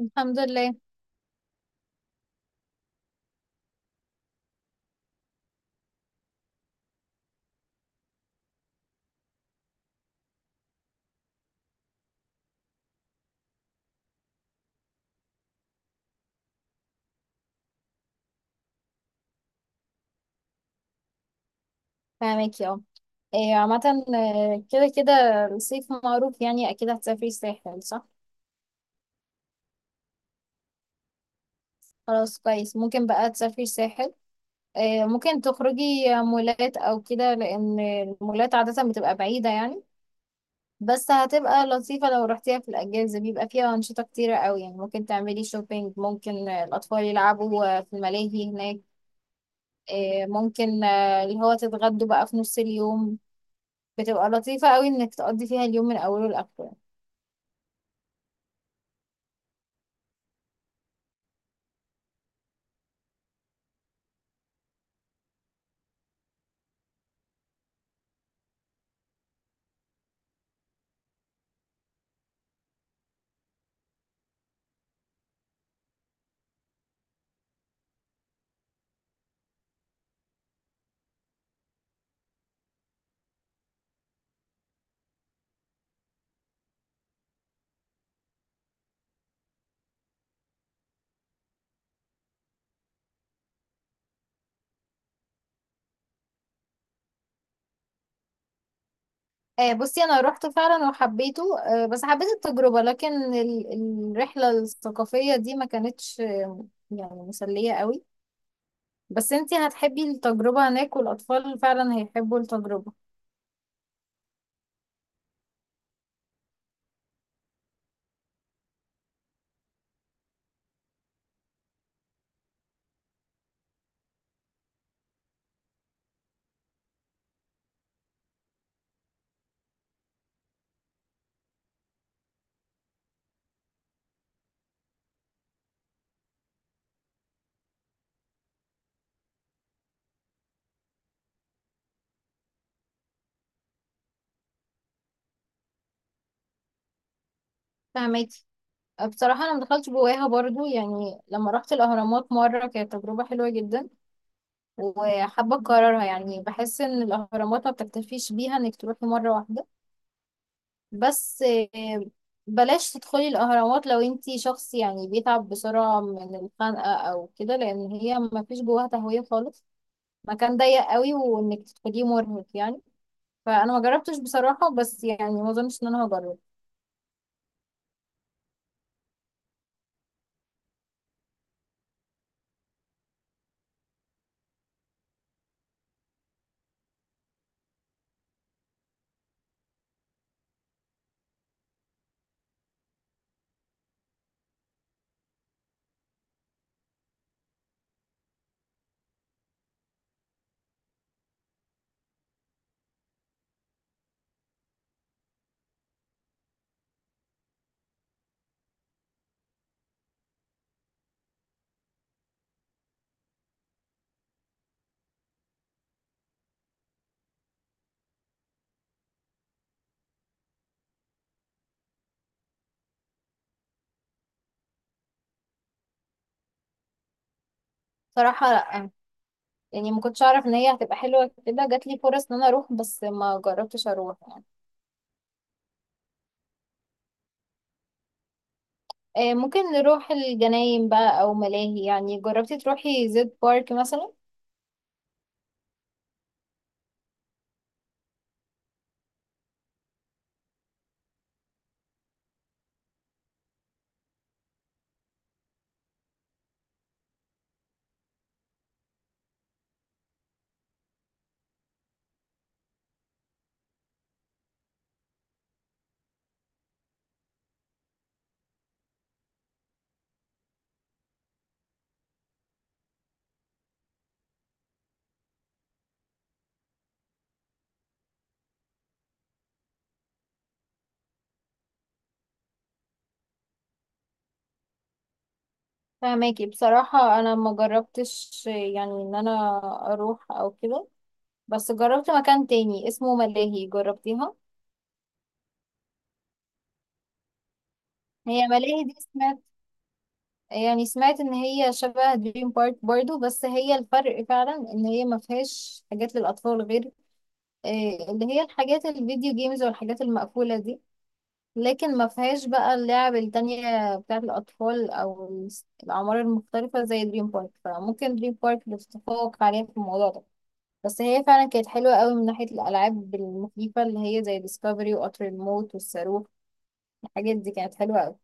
الحمد لله. فاهمك اه. إيه عامة. كده كده. الصيف معروف يعني أكيد هتسافري الساحل صح؟ خلاص كويس، ممكن بقى تسافري الساحل. ممكن تخرجي مولات أو كده، لأن المولات عادة بتبقى بعيدة يعني. بس هتبقى لطيفة لو رحتيها في الأجازة، بيبقى فيها أنشطة كتيرة أوي يعني، ممكن تعملي شوبينج، ممكن الأطفال يلعبوا في الملاهي هناك. ممكن اللي هو تتغدوا بقى في نص اليوم. بتبقى لطيفة أوي إنك تقضي فيها اليوم من أوله لآخره يعني. بصي، انا روحت فعلا وحبيته، بس حبيت التجربة. لكن الرحلة الثقافية دي ما كانتش يعني مسلية قوي. بس انتي هتحبي التجربة هناك، والاطفال فعلا هيحبوا التجربة. فهماكي. بصراحة انا مدخلتش جواها برضو يعني. لما رحت الاهرامات مرة كانت تجربة حلوة جدا، وحابة اكررها يعني. بحس ان الاهرامات ما بتكتفيش بيها انك تروحي مرة واحدة. بس بلاش تدخلي الاهرامات لو انتي شخص يعني بيتعب بسرعة من الخنقة او كده، لان هي ما فيش جواها تهوية خالص. مكان ضيق قوي، وانك تدخليه مرهق يعني. فانا ما جربتش بصراحة، بس يعني ما اظنش ان انا هجرب. صراحة لا. يعني ما كنتش اعرف ان هي هتبقى حلوة كده. جات لي فرص ان انا اروح بس ما جربتش اروح يعني. ممكن نروح الجناين بقى او ملاهي. يعني جربتي تروحي زد بارك مثلا؟ فهماكي. بصراحة أنا ما جربتش، يعني إن أنا أروح أو كده. بس جربت مكان تاني اسمه ملاهي. جربتيها؟ هي ملاهي دي سمعت، يعني سمعت إن هي شبه دريم بارك برضو، بس هي الفرق فعلا إن هي ما فيهاش حاجات للأطفال غير اللي هي الحاجات الفيديو جيمز والحاجات المقفولة دي. لكن ما فيهاش بقى اللعب التانية بتاعة الأطفال أو الأعمار المختلفة زي دريم بارك، فممكن دريم بارك اللي تتفوق عليها في الموضوع ده. بس هي فعلا كانت حلوة قوي من ناحية الألعاب المخيفة، اللي هي زي ديسكفري وقطر الموت والصاروخ. الحاجات دي كانت حلوة قوي.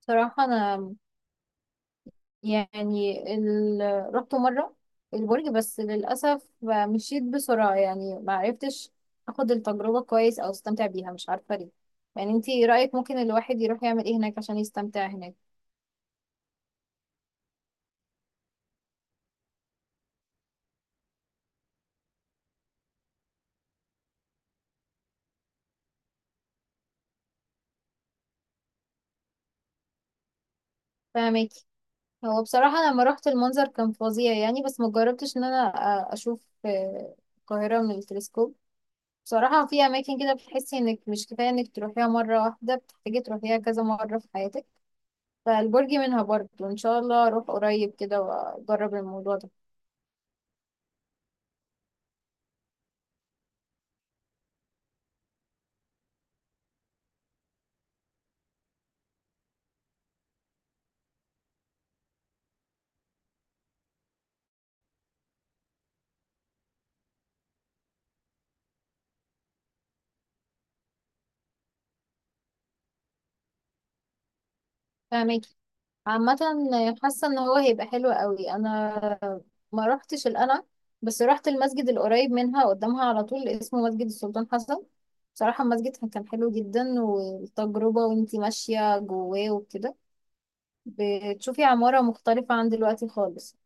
صراحة أنا يعني رحت مرة البرج، بس للأسف مشيت بسرعة يعني ما عرفتش أخد التجربة كويس أو أستمتع بيها. مش عارفة ليه. يعني انتي رأيك ممكن الواحد يروح يعمل ايه هناك عشان يستمتع هناك؟ فاهماكي. هو بصراحة لما رحت المنظر كان فظيع يعني، بس مجربتش ان انا اشوف القاهرة من التلسكوب. بصراحة في أماكن كده بتحسي إنك مش كفاية إنك تروحيها مرة واحدة، بتحتاجي تروحيها كذا مرة في حياتك. فالبرج منها برضه، إن شاء الله أروح قريب كده وأجرب الموضوع ده. في أماكن عامة حاسة إن هو هيبقى حلو قوي. أنا ما روحتش القلعة، بس روحت المسجد القريب منها قدامها على طول، اسمه مسجد السلطان حسن. بصراحة المسجد كان حلو جدا، والتجربة وانتي ماشية جواه وكده بتشوفي عمارة مختلفة عن دلوقتي خالص.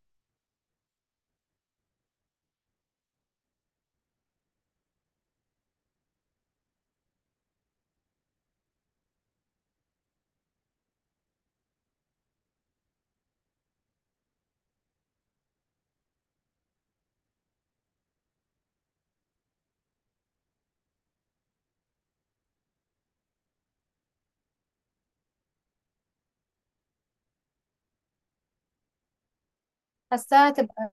حاساها هتبقى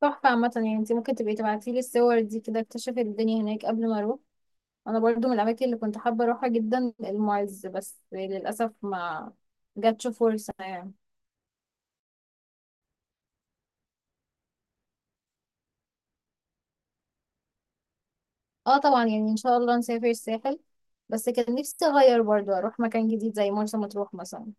تحفة. عامة يعني انت ممكن تبقي تبعتيلي الصور دي كده، اكتشف الدنيا هناك قبل ما اروح. انا برضو من الاماكن اللي كنت حابة اروحها جدا المعز، بس للأسف ما جاتش فرصة يعني. اه طبعا، يعني ان شاء الله نسافر الساحل. بس كان نفسي اغير برضو، اروح مكان جديد زي مرسى مطروح مثلا.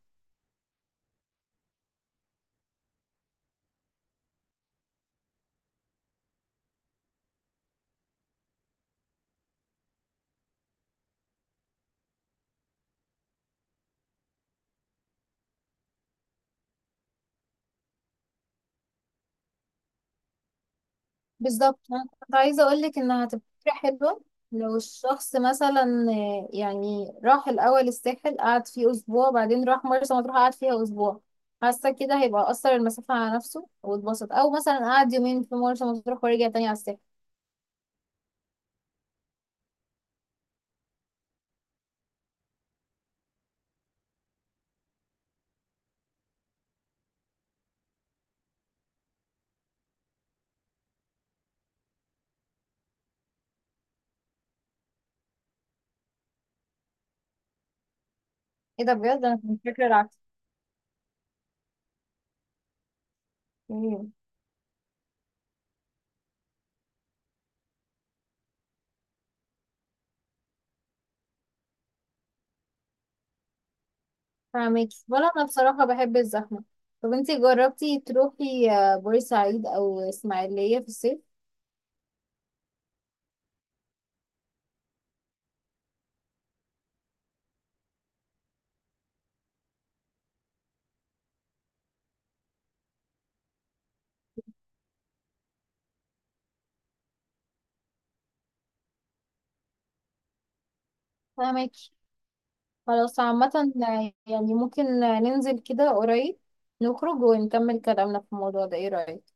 بالظبط، انا كنت عايزه اقول لك انها هتبقى فكره حلوه. لو الشخص مثلا يعني راح الاول الساحل قعد فيه اسبوع، بعدين راح مرسى مطروح قعد فيها اسبوع، حاسه كده هيبقى اثر المسافه على نفسه واتبسط. او مثلا قعد يومين في مرسى مطروح ورجع تاني على الساحل. ايه ده بجد؟ انا كنت فاكره العكس. مم. فاهمك. ولا انا بصراحه بحب الزحمه. طب انتي جربتي تروحي بورسعيد او اسماعيليه في الصيف؟ فاهمك. خلاص عامة، يعني ممكن ننزل كده قريب نخرج ونكمل كلامنا في الموضوع ده. ايه رأيك؟